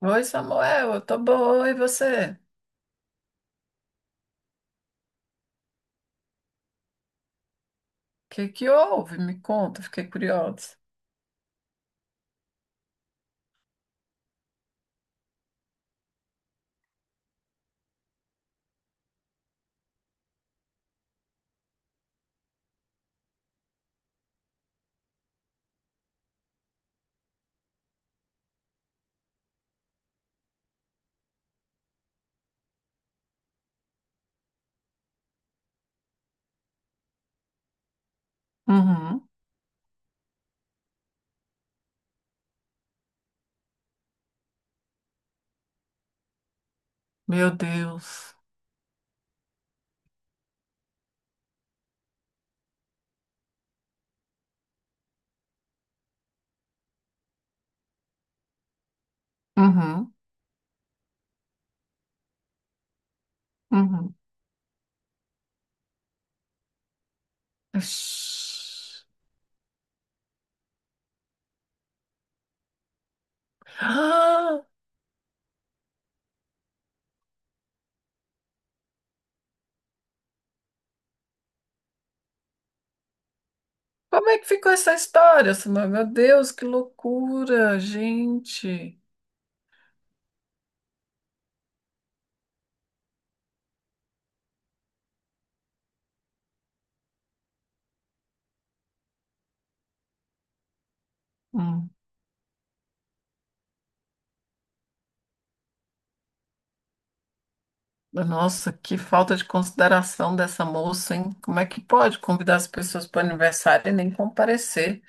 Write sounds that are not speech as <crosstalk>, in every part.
Oi, Samuel, eu tô boa, e você? O que que houve? Me conta, fiquei curiosa. Uhum. Meu Deus. Uhum. Uhum. Ixi. Ah, <gasps> como é que ficou essa história, Samuel? Meu Deus, que loucura, gente. Uhum. Nossa, que falta de consideração dessa moça, hein? Como é que pode convidar as pessoas para o aniversário e nem comparecer?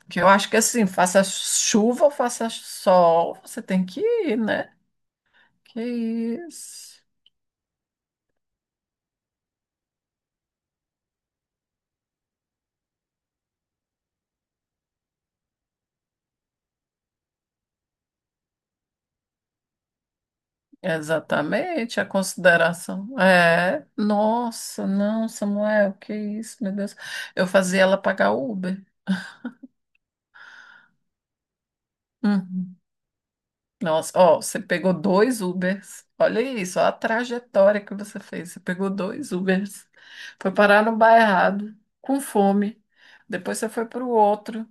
Porque eu acho que assim, faça chuva ou faça sol, você tem que ir, né? Que isso? Exatamente, a consideração. É, nossa, não, Samuel, que isso, meu Deus. Eu fazia ela pagar o Uber. Uhum. Nossa, ó, você pegou dois Ubers. Olha isso, ó, a trajetória que você fez. Você pegou dois Ubers, foi parar no bar errado, com fome. Depois você foi para o outro.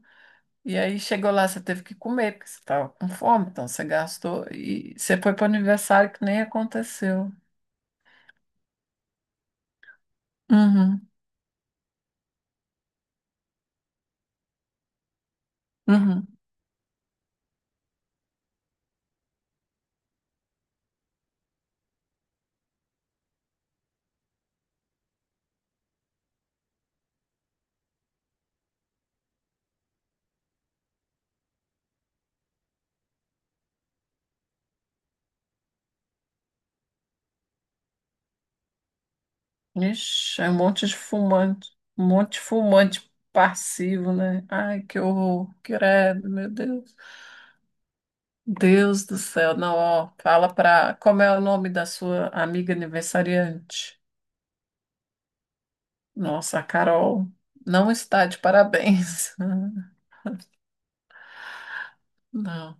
E aí chegou lá, você teve que comer, porque você estava com fome, então você gastou. E você foi para o aniversário que nem aconteceu. Uhum, uhum. Ixi, é um monte de fumante, um monte de fumante passivo, né? Ai, que horror, credo, meu Deus. Deus do céu, não, ó, fala pra. Como é o nome da sua amiga aniversariante? Nossa, a Carol não está de parabéns. <laughs> Não.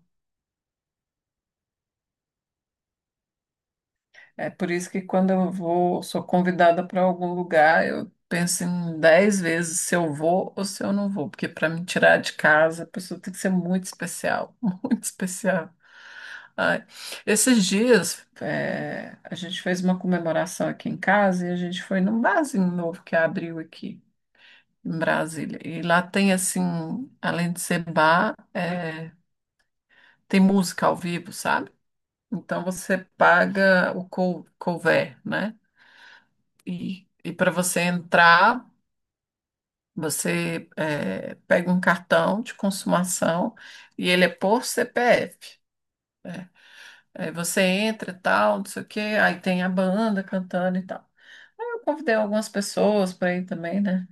É por isso que quando eu vou, sou convidada para algum lugar, eu penso em 10 vezes se eu vou ou se eu não vou, porque para me tirar de casa, a pessoa tem que ser muito especial, <laughs> muito especial. Ai, esses dias, a gente fez uma comemoração aqui em casa e a gente foi num barzinho novo que abriu aqui em Brasília. E lá tem, assim, além de ser bar, tem música ao vivo, sabe? Então você paga o couvert, né? E para você entrar, você pega um cartão de consumação e ele é por CPF. Né? Aí você entra e tal, não sei o quê, aí tem a banda cantando e tal. Aí eu convidei algumas pessoas para ir também, né?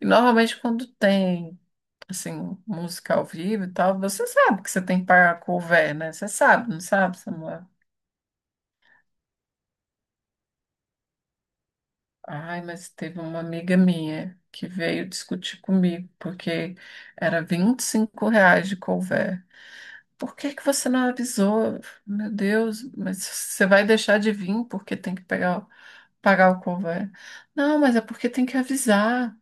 E normalmente quando tem, assim, música ao vivo e tal, você sabe que você tem que pagar cover, né? Você sabe, não sabe, Samuel? Ai, mas teve uma amiga minha que veio discutir comigo, porque era R$ 25 de couvé. Por que que você não avisou? Meu Deus, mas você vai deixar de vir porque tem que pegar, pagar o couvé. Não, mas é porque tem que avisar.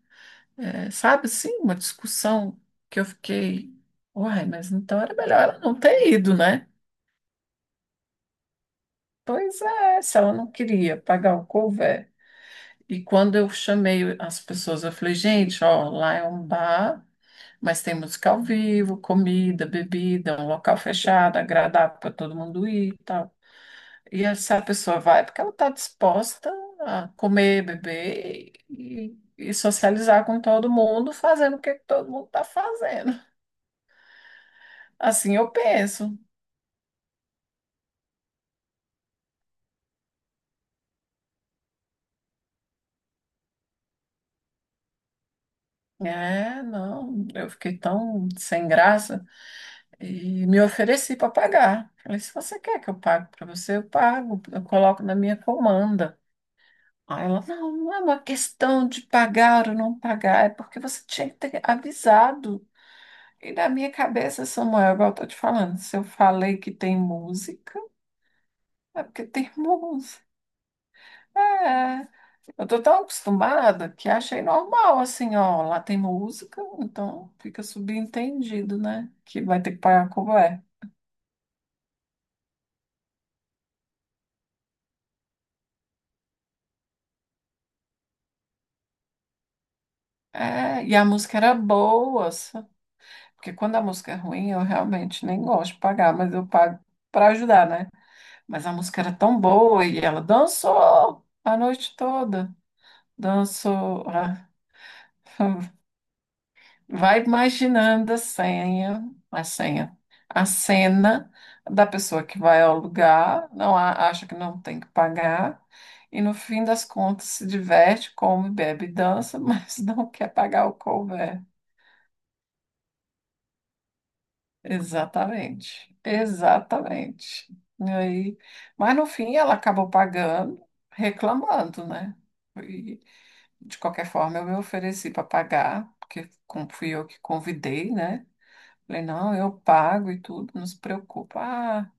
É, sabe, assim, uma discussão que eu fiquei, uai, mas então era melhor ela não ter ido, né? Pois é, se ela não queria pagar o couvé. E quando eu chamei as pessoas, eu falei, gente, ó, lá é um bar, mas tem música ao vivo, comida, bebida, um local fechado, agradável para todo mundo ir e tal. E essa pessoa vai porque ela está disposta a comer, beber e socializar com todo mundo, fazendo o que todo mundo está fazendo. Assim eu penso. É, não, eu fiquei tão sem graça. E me ofereci para pagar. Falei, se você quer que eu pague para você, eu pago, eu coloco na minha comanda. Aí ela, não, não é uma questão de pagar ou não pagar, é porque você tinha que ter avisado. E na minha cabeça, Samuel, igual eu tô te falando, se eu falei que tem música, é porque tem <laughs> música. É, eu tô tão acostumada que achei normal, assim, ó, lá tem música, então fica subentendido, né? Que vai ter que pagar como é. É, e a música era boa. Porque quando a música é ruim, eu realmente nem gosto de pagar, mas eu pago para ajudar, né? Mas a música era tão boa e ela dançou a noite toda. Dançou. Ah, <laughs> vai imaginando a senha, a cena da pessoa que vai ao lugar, acha que não tem que pagar, e no fim das contas se diverte, come, bebe e dança, mas <laughs> não quer pagar o couvert. Exatamente, exatamente. E aí, mas no fim ela acabou pagando, reclamando, né? E, de qualquer forma, eu me ofereci para pagar, porque fui eu que convidei, né? Falei, não, eu pago e tudo, não se preocupa. Ah,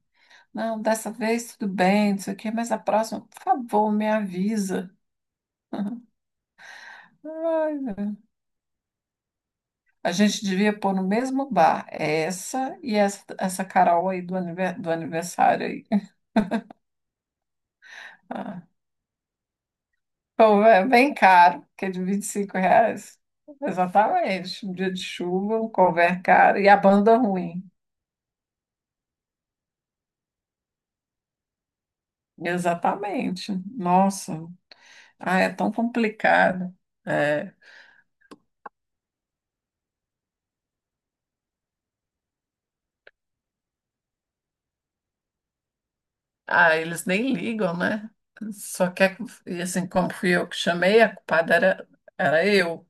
não, dessa vez tudo bem, não sei o quê, mas a próxima, por favor, me avisa. Ai, meu- a gente devia pôr no mesmo bar essa e essa, essa Carol aí do aniversário aí. <laughs> Pô, é bem caro, que é de R$ 25. Exatamente. Um dia de chuva, um couvert caro e a banda ruim. Exatamente. Nossa, ah, é tão complicado. É. Ah, eles nem ligam, né? Só quer que, e assim, como fui eu que chamei, era eu.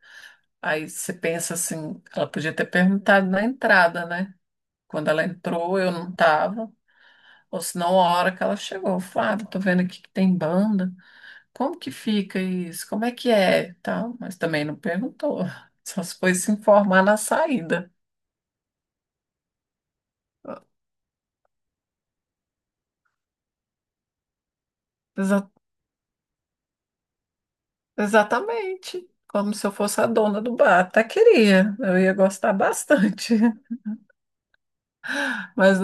Aí você pensa assim, ela podia ter perguntado na entrada, né? Quando ela entrou, eu não estava. Ou senão, a hora que ela chegou, Flávio, tô vendo aqui que tem banda. Como que fica isso? Como é que é? Tal, mas também não perguntou. <laughs> Só se foi se informar na saída. Exa- Exatamente. Como se eu fosse a dona do bar. Até queria. Eu ia gostar bastante. <laughs> Mas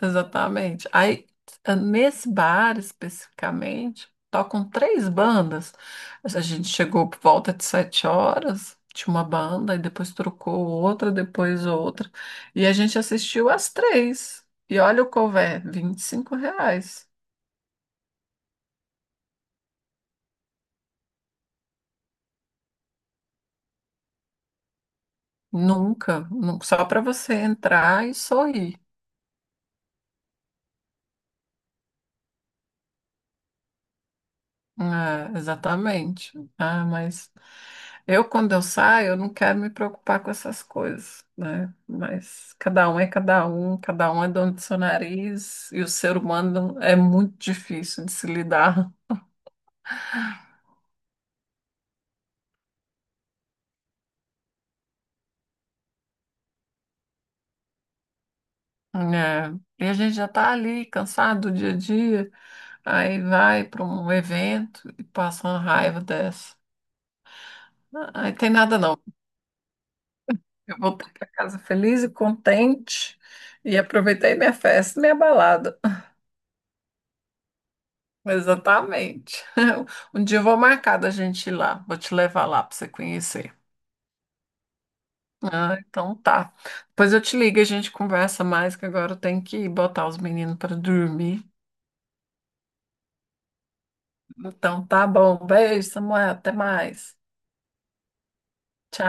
exatamente. Aí, nesse bar especificamente, tocam três bandas. A gente chegou por volta de 7 horas, tinha uma banda, e depois trocou outra, depois outra. E a gente assistiu as três. E olha o couvert, R$ 25. Nunca, só para você entrar e sorrir. É, exatamente. Ah, mas eu, quando eu saio, eu não quero me preocupar com essas coisas, né? Mas cada um é dono do seu nariz, e o ser humano é muito difícil de se lidar, né? E a gente já está ali, cansado do dia a dia, aí vai para um evento e passa uma raiva dessa. Ah, aí tem nada não. Eu voltei para casa feliz e contente e aproveitei minha festa, minha balada. Exatamente. <laughs> Um dia eu vou marcar da gente ir lá, vou te levar lá para você conhecer. Ah, então tá. Depois eu te ligo, e a gente conversa mais, que agora eu tenho que botar os meninos para dormir. Então tá bom. Beijo, Samuel. Até mais. Tchau.